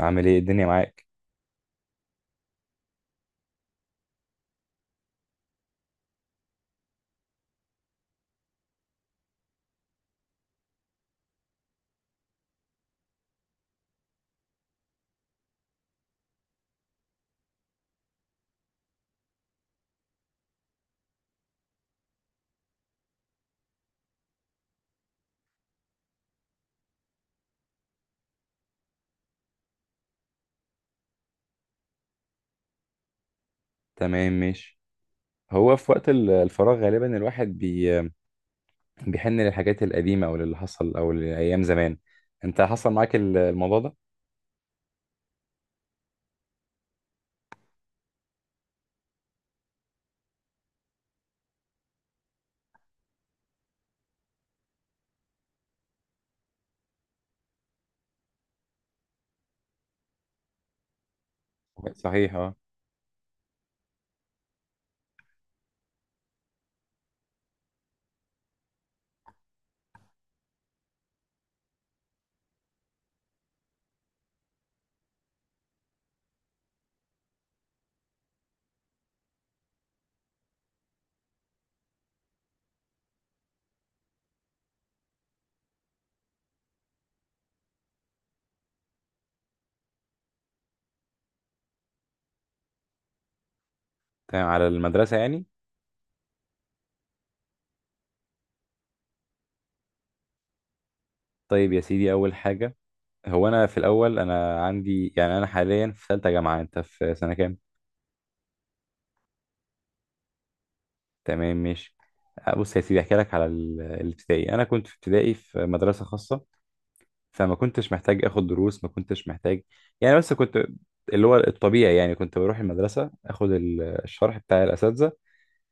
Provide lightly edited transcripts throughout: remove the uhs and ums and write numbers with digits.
عامل ايه الدنيا معاك؟ تمام، ماشي. هو في وقت الفراغ غالبا الواحد بيحن للحاجات القديمة او للي حصل او لأيام زمان. انت حصل معاك الموضوع ده؟ صحيح، اه. تمام، على المدرسة يعني. طيب يا سيدي، اول حاجة، هو انا في الاول انا عندي يعني انا حاليا في ثالثة جامعة. انت في سنة كام؟ تمام، ماشي. بص يا سيدي، احكي لك على الابتدائي. انا كنت في ابتدائي في مدرسة خاصة، فما كنتش محتاج اخد دروس، ما كنتش محتاج يعني، بس كنت اللي هو الطبيعي يعني. كنت بروح المدرسة اخد الشرح بتاع الاساتذة،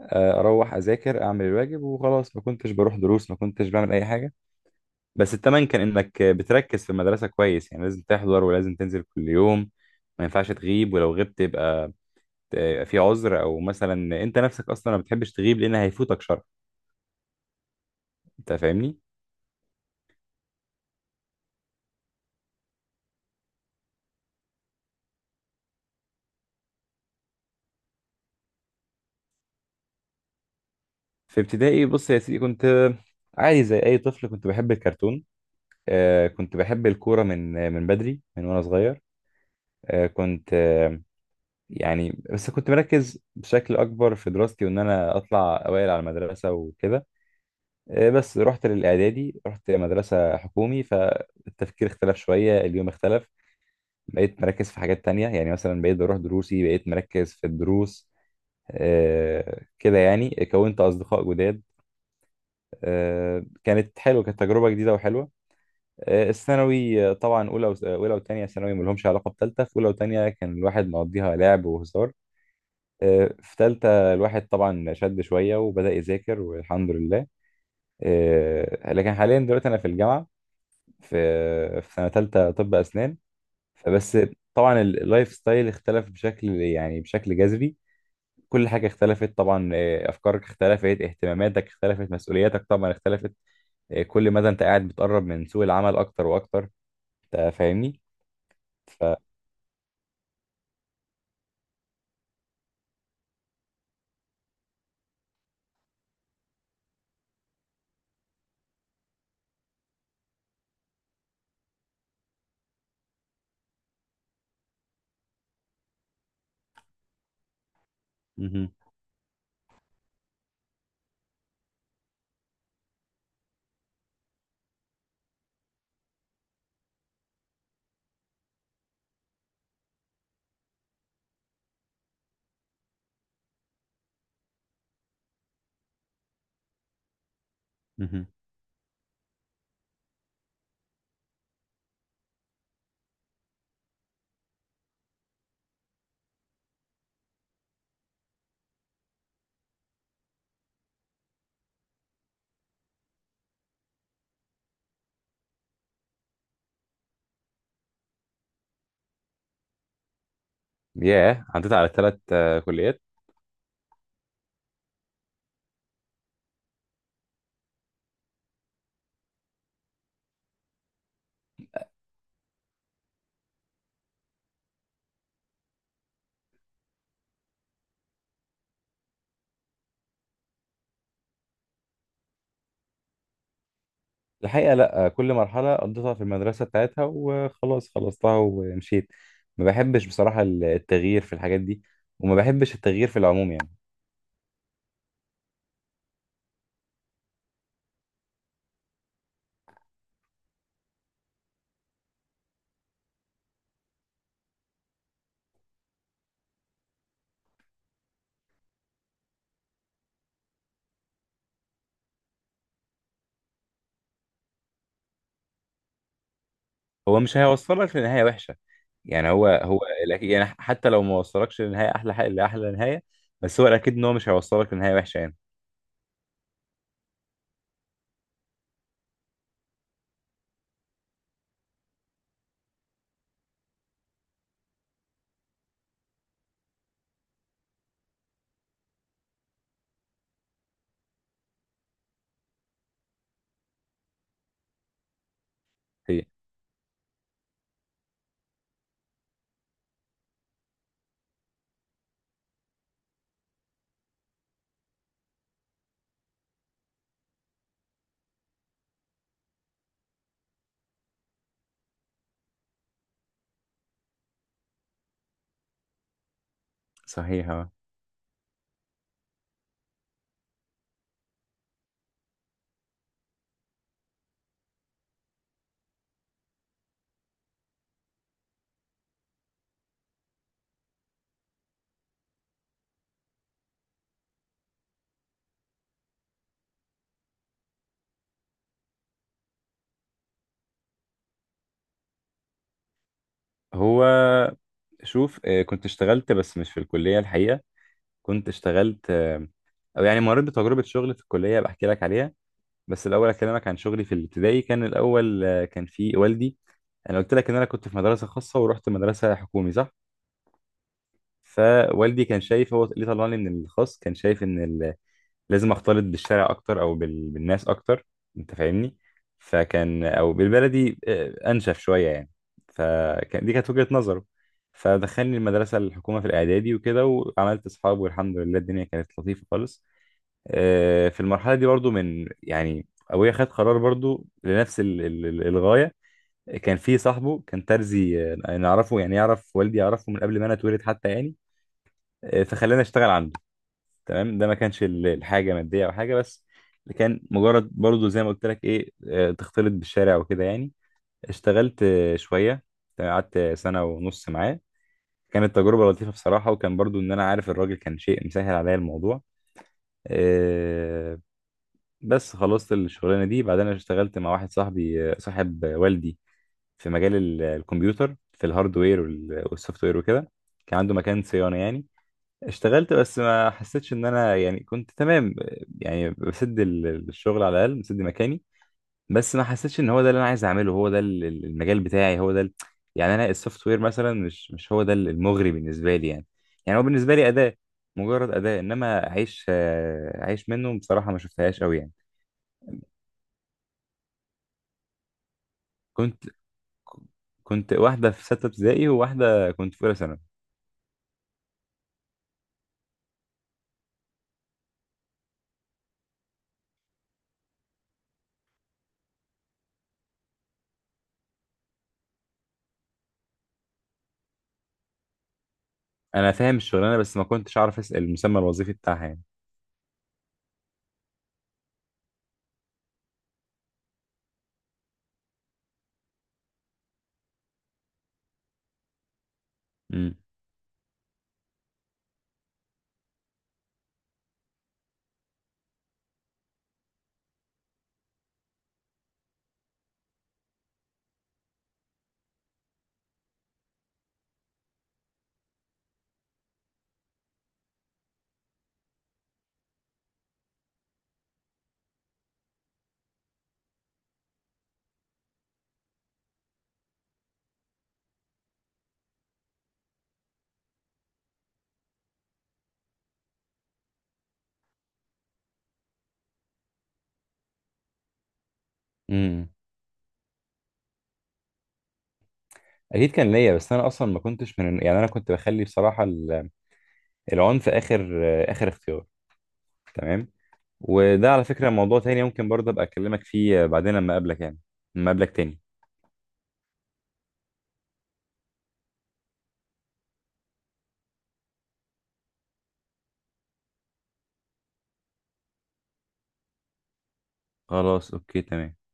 اروح اذاكر اعمل الواجب وخلاص. ما كنتش بروح دروس، ما كنتش بعمل اي حاجة. بس التمن كان انك بتركز في المدرسة كويس، يعني لازم تحضر ولازم تنزل كل يوم، ما ينفعش تغيب، ولو غبت يبقى في عذر، او مثلا انت نفسك اصلا ما بتحبش تغيب لان هيفوتك شرح. انت فاهمني؟ في ابتدائي بص يا سيدي، كنت عادي زي اي طفل، كنت بحب الكرتون. كنت بحب الكورة من من بدري، من وأنا صغير. آه، كنت آه، يعني بس كنت مركز بشكل أكبر في دراستي، وإن أنا أطلع أوائل على المدرسة وكده. بس رحت للإعدادي، رحت مدرسة حكومي، فالتفكير اختلف شوية، اليوم اختلف. بقيت مركز في حاجات تانية، يعني مثلا بقيت بروح دروسي، بقيت مركز في الدروس. كده يعني كونت أصدقاء جداد. كانت حلوة، كانت تجربة جديدة وحلوة. الثانوي، طبعا اولى اولى وثانيه ثانوي ما لهمش علاقه بثالثه. في اولى وثانيه كان الواحد مقضيها لعب وهزار. في ثالثه الواحد طبعا شد شويه وبدا يذاكر، والحمد لله. لكن حاليا دلوقتي انا في الجامعه، في سنه ثالثه طب اسنان. فبس، طبعا اللايف ستايل اختلف بشكل يعني بشكل جذري. كل حاجه اختلفت طبعا، افكارك اختلفت، اهتماماتك اختلفت، مسؤولياتك طبعا اختلفت. كل مدى انت قاعد بتقرب من سوق العمل اكتر واكتر. انت فاهمني؟ مهم. مهم. ياه، عديت على ثلاث كليات. الحقيقة لا، كل مرحلة قضيتها في المدرسة بتاعتها وخلاص، خلصتها ومشيت. ما بحبش بصراحة التغيير في الحاجات دي، وما بحبش التغيير في العموم يعني. هو مش هيوصلك لنهاية وحشة يعني. هو الأكيد يعني، حتى لو ما وصلكش لنهاية أحلى حاجة لأحلى نهاية، بس هو الأكيد إن هو مش هيوصلك لنهاية وحشة يعني. هي صحيح، آه. هو شوف، كنت اشتغلت بس مش في الكلية الحقيقة. كنت اشتغلت، او يعني مريت بتجربه شغل في الكليه، بحكي لك عليها. بس الاول اكلمك عن شغلي في الابتدائي. كان الاول كان في والدي. انا قلت لك ان انا كنت في مدرسه خاصه ورحت مدرسه حكومي، صح؟ فوالدي كان شايف، هو اللي طلعني من الخاص، كان شايف ان لازم اختلط بالشارع اكتر، او بالناس اكتر. انت فاهمني؟ فكان، او بالبلدي، انشف شويه يعني. فكان دي كانت وجهه نظره. فدخلني المدرسه الحكومه في الاعدادي وكده، وعملت اصحاب، والحمد لله الدنيا كانت لطيفه خالص. في المرحلة دي برضو من يعني أبويا خد قرار برضو لنفس الغاية. كان في صاحبه، كان ترزي، نعرفه يعني، يعرف والدي، يعرفه من قبل ما أنا اتولد حتى يعني. فخلاني أشتغل عنده. تمام، ده ما كانش الحاجة مادية أو حاجة، بس كان مجرد برضو زي ما قلت لك إيه، تختلط بالشارع وكده يعني. اشتغلت شوية. تمام، قعدت سنة ونص معاه. كانت تجربة لطيفة بصراحة، وكان برضو إن أنا عارف الراجل كان شيء مسهل عليا الموضوع. آه، بس خلصت الشغلانه دي. بعدين انا اشتغلت مع واحد صاحبي، صاحب والدي، في مجال الكمبيوتر، في الهاردوير والسوفت وير وكده. كان عنده مكان صيانه يعني. اشتغلت بس ما حسيتش ان انا يعني كنت تمام. يعني بسد الشغل على الاقل، بسد مكاني. بس ما حسيتش ان هو ده اللي انا عايز اعمله، هو ده المجال بتاعي، يعني انا السوفت وير مثلا مش هو ده المغري بالنسبه لي يعني. يعني هو بالنسبه لي اداه، مجرد اداه، انما اعيش منه بصراحه ما شفتهاش قوي. يعني كنت واحدة في ستة ابتدائي وواحدة كنت في أولى ثانوي. أنا فاهم الشغلانة، بس ما كنتش أعرف أسأل المسمى الوظيفي بتاعها يعني. امم، امم. أكيد كان ليا، بس أنا أصلا ما كنتش من، يعني أنا كنت بخلي بصراحة العنف آخر اختيار. تمام. وده على فكرة موضوع تاني، ممكن برضه أبقى أكلمك فيه بعدين لما أقابلك يعني، لما أقابلك تاني. خلاص، أوكي، تمام.